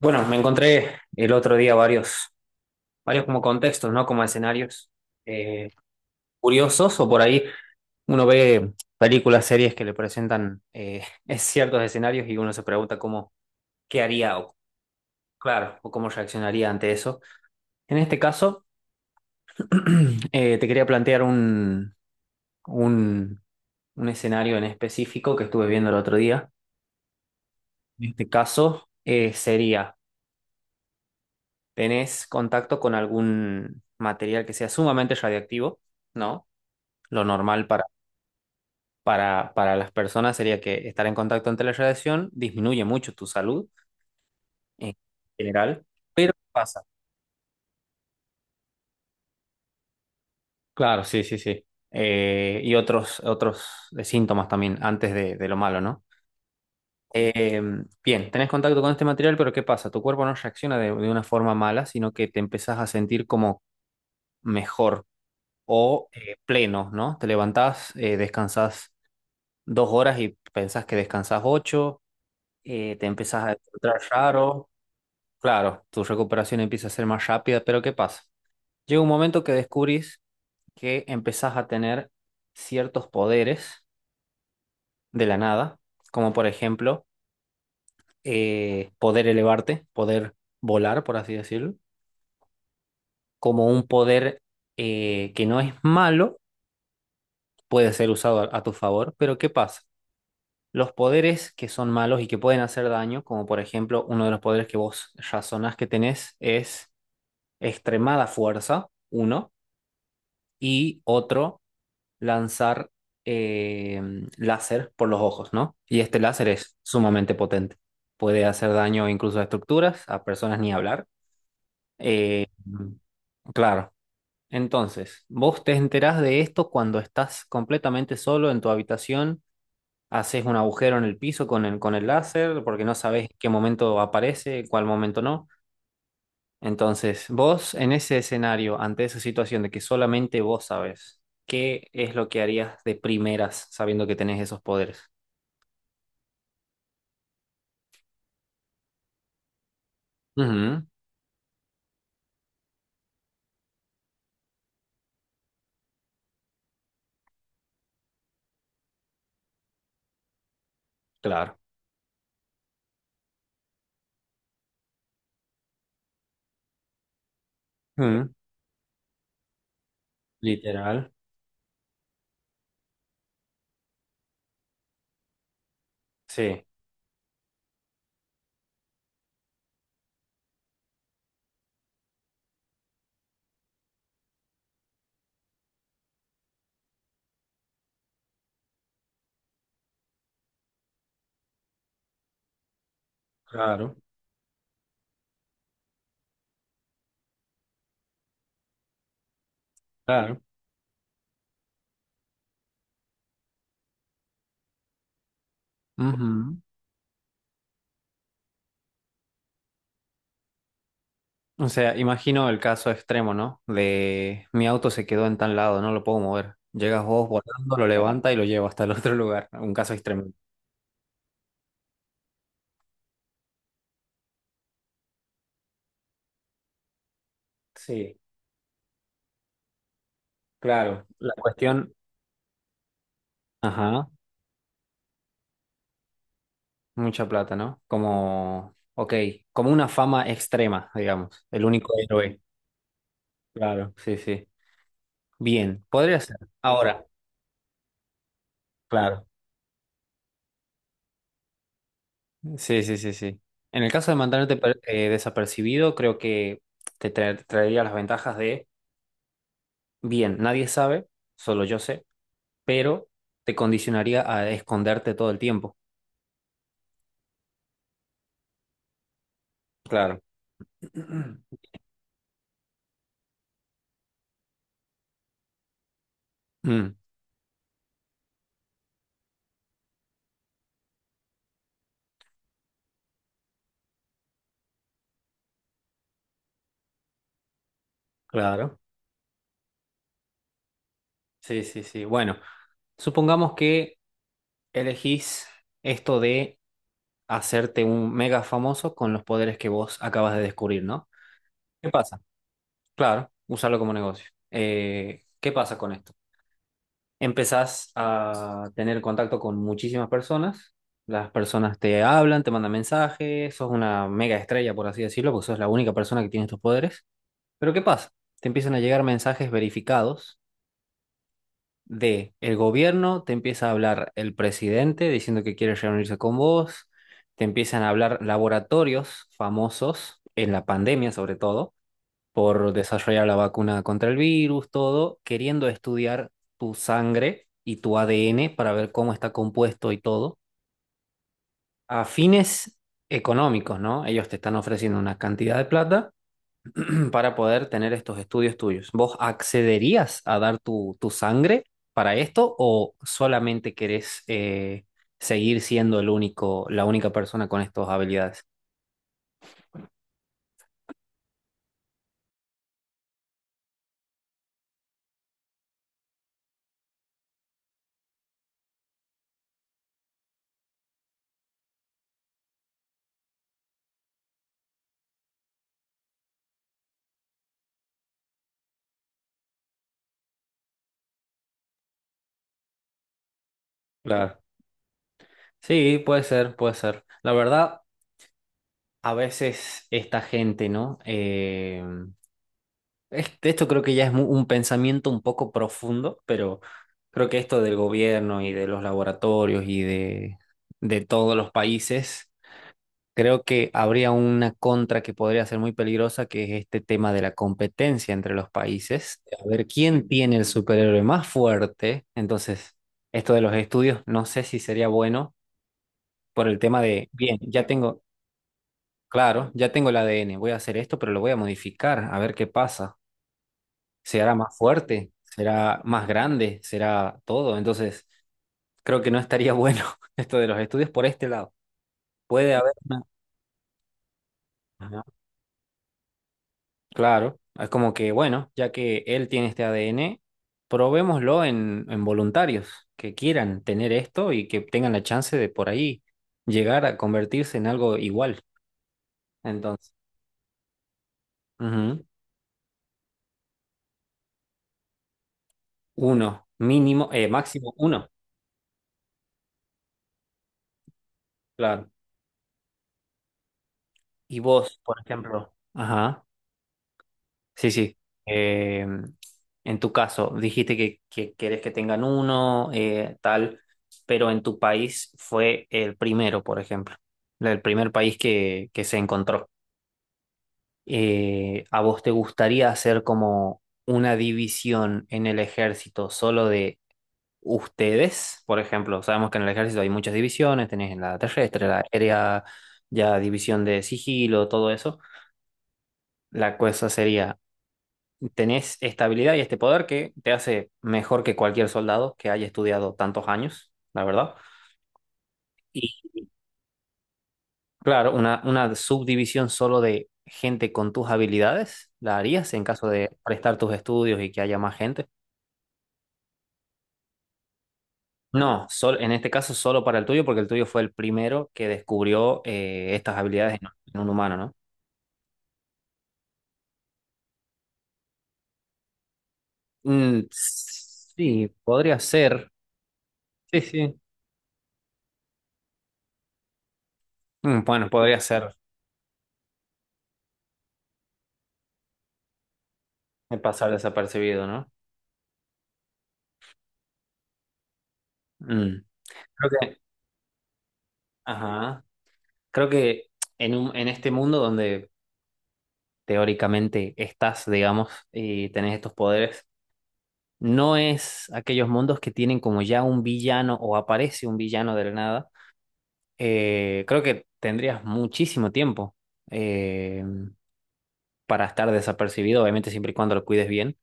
Bueno, me encontré el otro día varios, varios como contextos, ¿no? Como escenarios eh, curiosos o por ahí uno ve películas, series que le presentan ciertos escenarios y uno se pregunta cómo, qué haría o, claro, o cómo reaccionaría ante eso. En este caso, te quería plantear un, un escenario en específico que estuve viendo el otro día. En este caso, sería, tenés contacto con algún material que sea sumamente radiactivo, ¿no? Lo normal para las personas sería que estar en contacto ante la radiación disminuye mucho tu salud en general, pero ¿qué pasa? Claro, sí, sí, sí. Y otros síntomas también antes de lo malo, ¿no? Eh, bien, tenés contacto con este material, pero ¿qué pasa? Tu cuerpo no reacciona de una forma mala, sino que te empezás a sentir como mejor o pleno, ¿no? Te levantás, descansás dos horas y pensás que descansás ocho, te empezás a encontrar raro. Claro, tu recuperación empieza a ser más rápida, pero ¿qué pasa? Llega un momento que descubrís que empezás a tener ciertos poderes de la nada, como por ejemplo poder elevarte, poder volar, por así decirlo, como un poder que no es malo, puede ser usado a tu favor, pero ¿qué pasa? Los poderes que son malos y que pueden hacer daño, como por ejemplo uno de los poderes que vos razonás que tenés es extremada fuerza, uno, y otro lanzar eh, láser por los ojos, ¿no? Y este láser es sumamente potente. Puede hacer daño incluso a estructuras, a personas ni hablar. Eh, claro. Entonces, vos te enterás de esto cuando estás completamente solo en tu habitación, haces un agujero en el piso con el láser, porque no sabes en qué momento aparece, en cuál momento no. Entonces, vos en ese escenario, ante esa situación de que solamente vos sabes, ¿qué es lo que harías de primeras sabiendo que tenés esos poderes? Ujú, claro. Ujú, literal. Sí, claro, claro. Ujú. O sea, imagino el caso extremo, ¿no? De mi auto se quedó en tal lado, no lo puedo mover. Llegas vos volando, lo levanta y lo lleva hasta el otro lugar. Un caso extremo. Sí, claro. La cuestión, ajá. Mucha plata, ¿no? Como, ok, como una fama extrema, digamos, el único héroe. Claro, sí, sí. Bien, podría ser. Ahora, claro. Sí, sí, sí, sí. En el caso de desapercibido, creo que traería las ventajas de, bien, nadie sabe, solo yo sé, pero te condicionaría a esconderte todo el tiempo. Claro. Mm, claro. Sí, sí, sí. Bueno, supongamos que elegís esto de hacerte un mega famoso con los poderes que vos acabas de descubrir, ¿no? ¿Qué pasa? Claro, usarlo como negocio. ¿Qué pasa con esto? Empezás a tener contacto con muchísimas personas, las personas te hablan, te mandan mensajes, sos una mega estrella, por así decirlo, porque sos la única persona que tiene estos poderes. Pero ¿qué pasa? Te empiezan a llegar mensajes verificados de el gobierno, te empieza a hablar el presidente diciendo que quiere reunirse con vos, te empiezan a hablar laboratorios famosos en la pandemia sobre todo, por desarrollar la vacuna contra el virus, todo, queriendo estudiar tu sangre y tu ADN para ver cómo está compuesto y todo, a fines económicos, ¿no? Ellos te están ofreciendo una cantidad de plata para poder tener estos estudios tuyos. ¿Vos accederías a dar tu sangre para esto o solamente querés seguir siendo el único, la única persona con estas habilidades? Claro. Sí, puede ser, puede ser. La verdad, a veces esta gente, ¿no? Esto creo que ya un pensamiento un poco profundo, pero creo que esto del gobierno y de los laboratorios de todos los países. Creo que habría una contra que podría ser muy peligrosa, que es este tema de la competencia entre los países. A ver quién tiene el superhéroe más fuerte. Entonces, esto de los estudios, no sé si sería bueno por el tema de, bien, ya tengo, claro, ya tengo el ADN, voy a hacer esto, pero lo voy a modificar, a ver qué pasa. ¿Será más fuerte? ¿Será más grande? ¿Será todo? Entonces, creo que no estaría bueno esto de los estudios por este lado. Puede haber una... Claro, es como que, bueno, ya que él tiene este ADN, probémoslo en voluntarios que quieran tener esto y que tengan la chance de por ahí llegar a convertirse en algo igual. Entonces, ujú, uno, mínimo, máximo uno, claro. Y vos, por ejemplo, ajá, sí, sí. Eh, en tu caso, dijiste que quieres que tengan uno, tal, pero en tu país fue el primero, por ejemplo, el primer país que se encontró. ¿A vos te gustaría hacer como una división en el ejército solo de ustedes? Por ejemplo, sabemos que en el ejército hay muchas divisiones, tenés la terrestre, la aérea, ya división de sigilo, todo eso. La cosa sería... tenés esta habilidad y este poder que te hace mejor que cualquier soldado que haya estudiado tantos años, la verdad. Y claro, una subdivisión solo de gente con tus habilidades, ¿la harías en caso de prestar tus estudios y que haya más gente? No, en este caso solo para el tuyo, porque el tuyo fue el primero que descubrió estas habilidades en un humano, ¿no? Mm, sí, podría ser. Sí, sí. Mm, bueno, podría ser pasar desapercibido, ¿no? Mm. Creo que... Ajá. Creo que en un, en este mundo donde teóricamente estás, digamos, y tenés estos poderes, no es aquellos mundos que tienen como ya un villano o aparece un villano de la nada. Creo que tendrías muchísimo tiempo eh, para estar desapercibido, obviamente siempre y cuando lo cuides bien,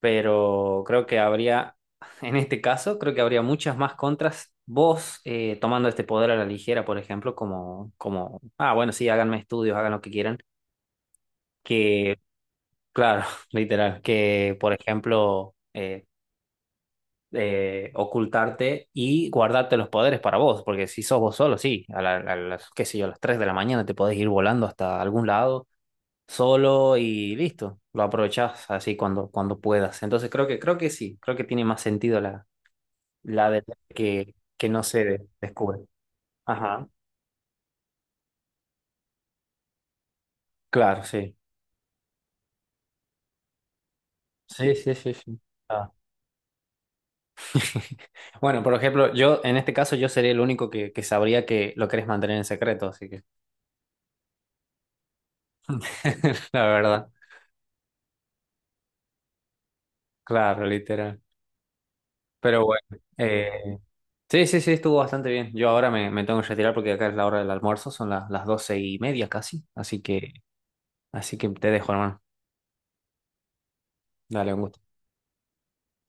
pero creo que habría, en este caso, creo que habría muchas más contras. Vos tomando este poder a la ligera, por ejemplo, ah, bueno, sí, háganme estudios, hagan lo que quieran que... Claro, literal, que por ejemplo ocultarte y guardarte los poderes para vos, porque si sos vos solo, sí, a las, qué sé yo, a las 3 de la mañana te podés ir volando hasta algún lado solo y listo, lo aprovechás así cuando puedas. Entonces creo creo que sí, creo que tiene más sentido la de que no se descubre. Ajá, claro, sí. Sí, sí, sí, sí. Bueno, por ejemplo, yo en este caso yo sería el único que sabría que lo querés mantener en secreto, así que la verdad, claro, literal. Pero bueno, eh, sí, sí, sí, estuvo bastante bien. Yo ahora me tengo que retirar porque acá es la hora del almuerzo, son las 12:30 casi, así que te dejo, hermano. Dale, un gusto.